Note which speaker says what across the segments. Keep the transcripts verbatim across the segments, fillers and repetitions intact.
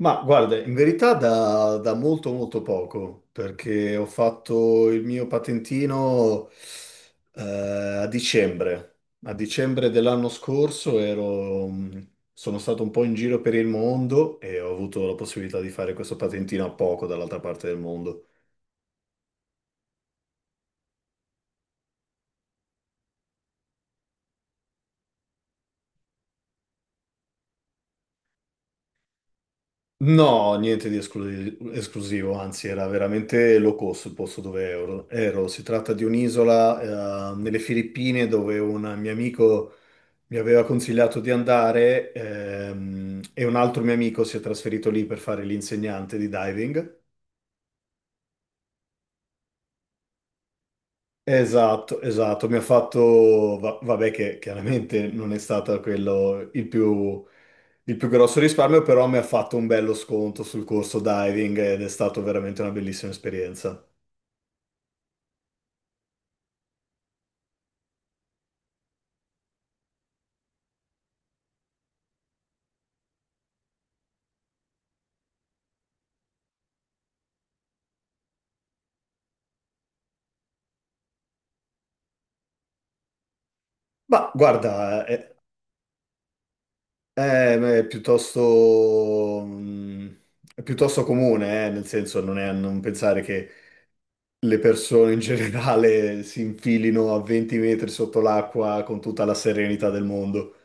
Speaker 1: Ma guarda, in verità da, da molto molto poco, perché ho fatto il mio patentino eh, a dicembre. A dicembre dell'anno scorso ero, mh, sono stato un po' in giro per il mondo e ho avuto la possibilità di fare questo patentino a poco dall'altra parte del mondo. No, niente di esclu- esclusivo, anzi era veramente low cost il posto dove ero. ero. Si tratta di un'isola eh, nelle Filippine dove un mio amico mi aveva consigliato di andare ehm, e un altro mio amico si è trasferito lì per fare l'insegnante di diving. Esatto, esatto, mi ha fatto, va- vabbè che chiaramente non è stato quello il più, il più grosso risparmio, però mi ha fatto un bello sconto sul corso diving ed è stata veramente una bellissima esperienza. Ma guarda, è, è- è piuttosto, mm, è piuttosto comune, eh, nel senso non è a non pensare che le persone in generale si infilino a venti metri sotto l'acqua con tutta la serenità del mondo.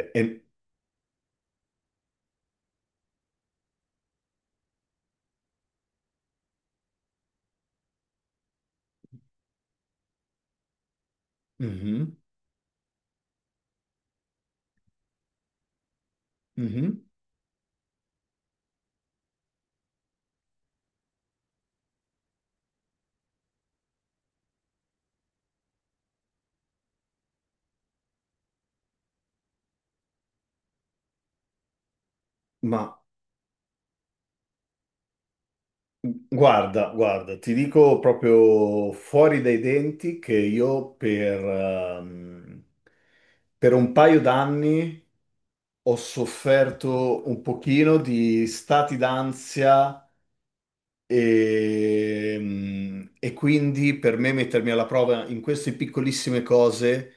Speaker 1: E- e- Mhm, mhm. Ma guarda, guarda, ti dico proprio fuori dai denti che io per, ehm, per un paio d'anni ho sofferto un pochino di stati d'ansia. E, e quindi per me mettermi alla prova in queste piccolissime cose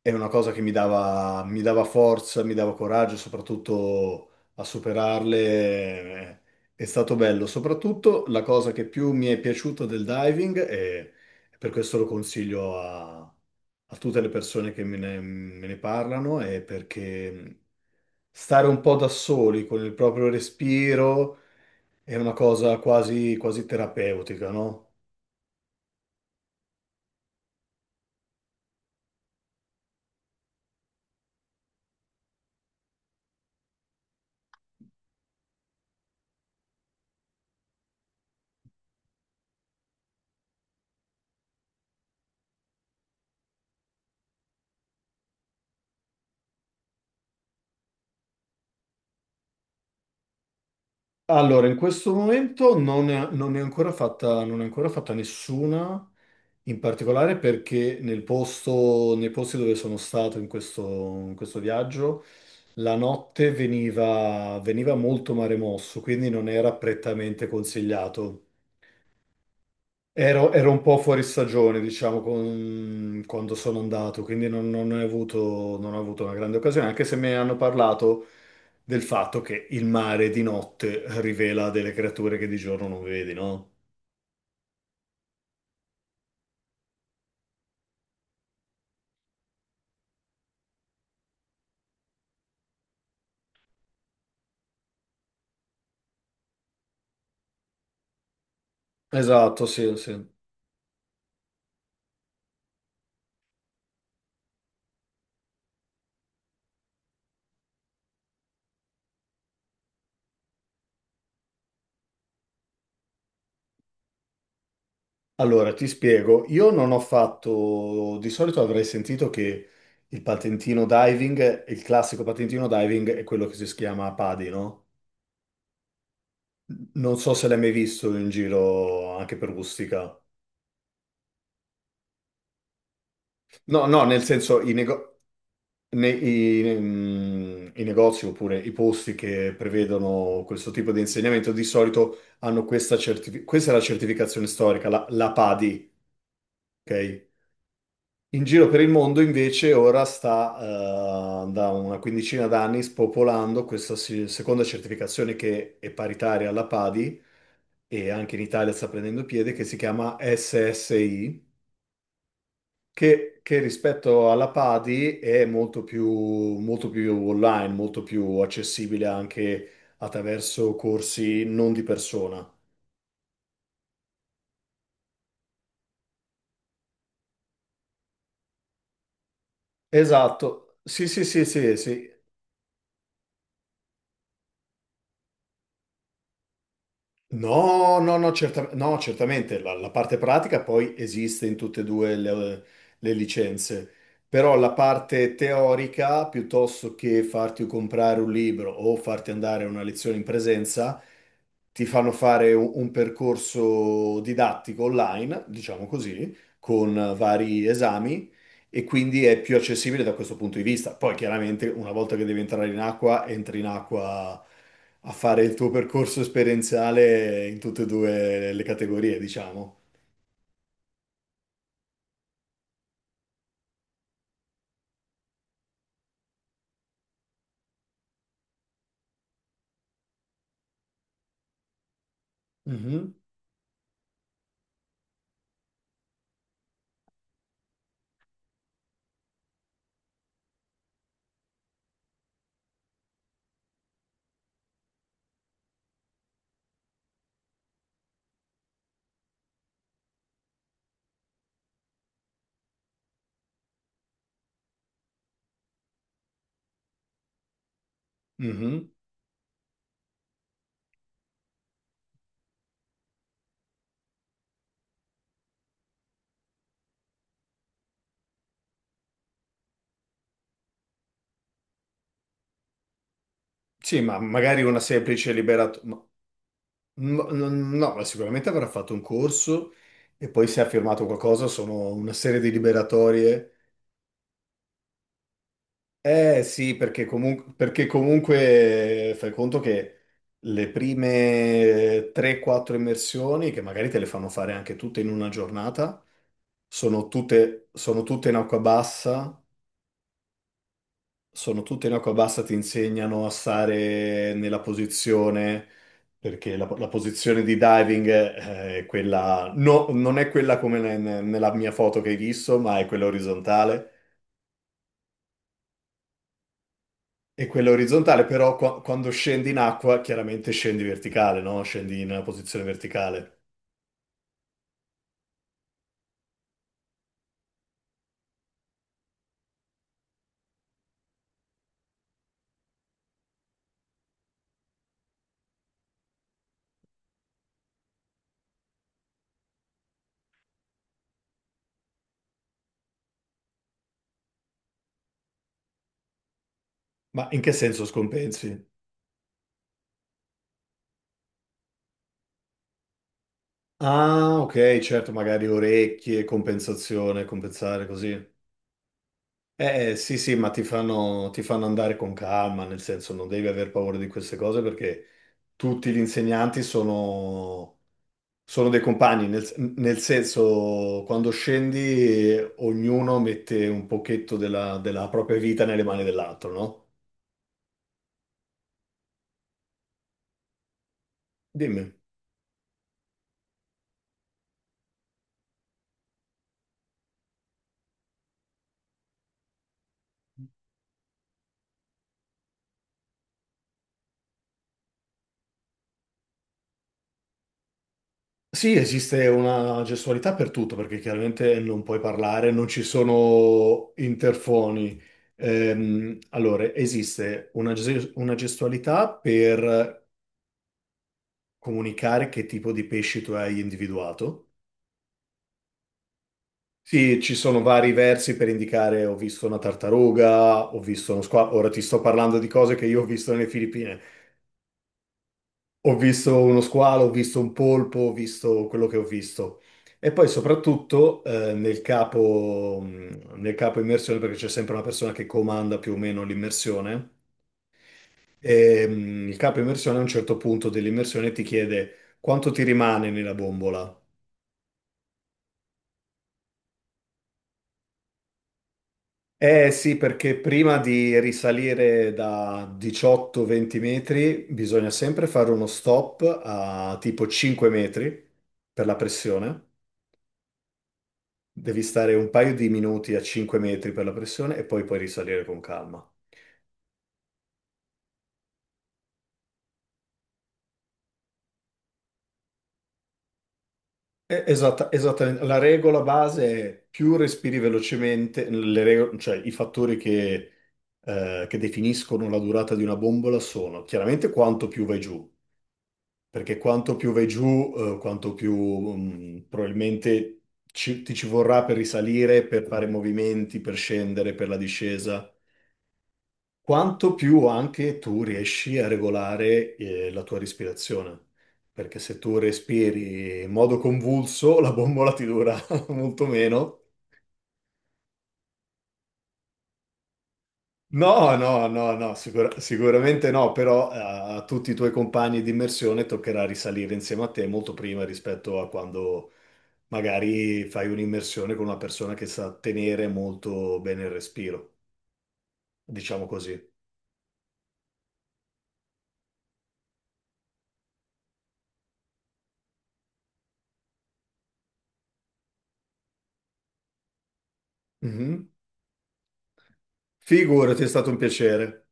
Speaker 1: è una cosa che mi dava, mi dava forza, mi dava coraggio, soprattutto a superarle. eh, È stato bello. Soprattutto la cosa che più mi è piaciuta del diving, e per questo lo consiglio a, a tutte le persone che me ne, me ne parlano, è perché mm, stare un po' da soli con il proprio respiro è una cosa quasi, quasi terapeutica, no? Allora, in questo momento non ne, non ne è ancora fatta, non ne è ancora fatta nessuna, in particolare perché nel posto, nei posti dove sono stato in questo, in questo viaggio, la notte veniva, veniva molto mare mosso, quindi non era prettamente consigliato. Ero, ero un po' fuori stagione, diciamo, con- quando sono andato, quindi non, non ho avuto, non ho avuto una grande occasione, anche se mi hanno parlato del fatto che il mare di notte rivela delle creature che di giorno non vedi, no? Esatto, sì, sì. Allora, ti spiego, io non ho fatto, di solito avrei sentito che il patentino diving, il classico patentino diving è quello che si chiama PADI, no? Non so se l'hai mai visto in giro anche per Ustica. No, no, nel senso i, nego- ne- i- mm, i negozi oppure i posti che prevedono questo tipo di insegnamento di solito hanno questa certificazione, questa è la certificazione storica, la, la PADI, ok? In giro per il mondo invece ora sta eh, da una quindicina d'anni spopolando questa si- seconda certificazione che è paritaria alla PADI e anche in Italia sta prendendo piede, che si chiama S S I. Che, che rispetto alla Padi è molto più, molto più online, molto più accessibile anche attraverso corsi non di persona. Esatto, sì, sì, sì, sì, sì. No, no, no, certa- no, certamente la, la parte pratica poi esiste in tutte e due le, le licenze, però la parte teorica, piuttosto che farti comprare un libro o farti andare a una lezione in presenza, ti fanno fare un, un percorso didattico online, diciamo così, con vari esami e quindi è più accessibile da questo punto di vista. Poi chiaramente una volta che devi entrare in acqua, entri in acqua a fare il tuo percorso esperienziale in tutte e due le categorie, diciamo. Mhm. Mhm. Sì, ma magari una semplice liberato. No, no, no, ma sicuramente avrà fatto un corso e poi se ha firmato qualcosa sono una serie di liberatorie. Eh sì, perché comunque, perché comunque fai conto che le prime tre quattro immersioni, che magari te le fanno fare anche tutte in una giornata, sono tutte, sono tutte in acqua bassa sono tutte in acqua bassa, ti insegnano a stare nella posizione, perché la, la posizione di diving eh, è quella, no, non è quella come ne- ne- nella mia foto che hai visto, ma è quella orizzontale. E quella orizzontale, però, qua- quando scendi in acqua, chiaramente scendi verticale, no? Scendi in una posizione verticale. Ma in che senso scompensi? Ah, ok, certo, magari orecchie, compensazione, compensare così. Eh sì, sì, ma ti fanno, ti fanno andare con calma, nel senso non devi aver paura di queste cose perché tutti gli insegnanti sono, sono dei compagni, nel, nel senso quando scendi eh, ognuno mette un pochetto della, della propria vita nelle mani dell'altro, no? Dimmi. Sì, esiste una gestualità per tutto perché chiaramente non puoi parlare, non ci sono interfoni. Ehm, allora, esiste una, ges- una gestualità per comunicare che tipo di pesci tu hai individuato. Sì, ci sono vari versi per indicare ho visto una tartaruga, ho visto uno squalo, ora ti sto parlando di cose che io ho visto nelle Filippine. Ho visto uno squalo, ho visto un polpo, ho visto quello che ho visto. E poi soprattutto eh, nel capo, mh, nel capo immersione, perché c'è sempre una persona che comanda più o meno l'immersione, e, mh, il capo immersione a un certo punto dell'immersione ti chiede quanto ti rimane nella bombola. Eh sì, perché prima di risalire da diciotto venti metri bisogna sempre fare uno stop a tipo cinque metri per la pressione. Devi stare un paio di minuti a cinque metri per la pressione e poi puoi risalire con calma. Eh, Esatta, esattamente. La regola base è più respiri velocemente, le rego- cioè i fattori che, eh, che definiscono la durata di una bombola sono chiaramente quanto più vai giù. Perché quanto più vai giù, eh, quanto più mm, probabilmente ci- ti ci vorrà per risalire, per fare movimenti, per scendere, per la discesa, quanto più anche tu riesci a regolare, eh, la tua respirazione. Perché se tu respiri in modo convulso, la bombola ti dura molto meno. No, no, no, no, sicura- sicuramente no, però eh, a tutti i tuoi compagni di immersione toccherà risalire insieme a te molto prima rispetto a quando magari fai un'immersione con una persona che sa tenere molto bene il respiro, diciamo così. Mhm. Figurati, è stato un piacere.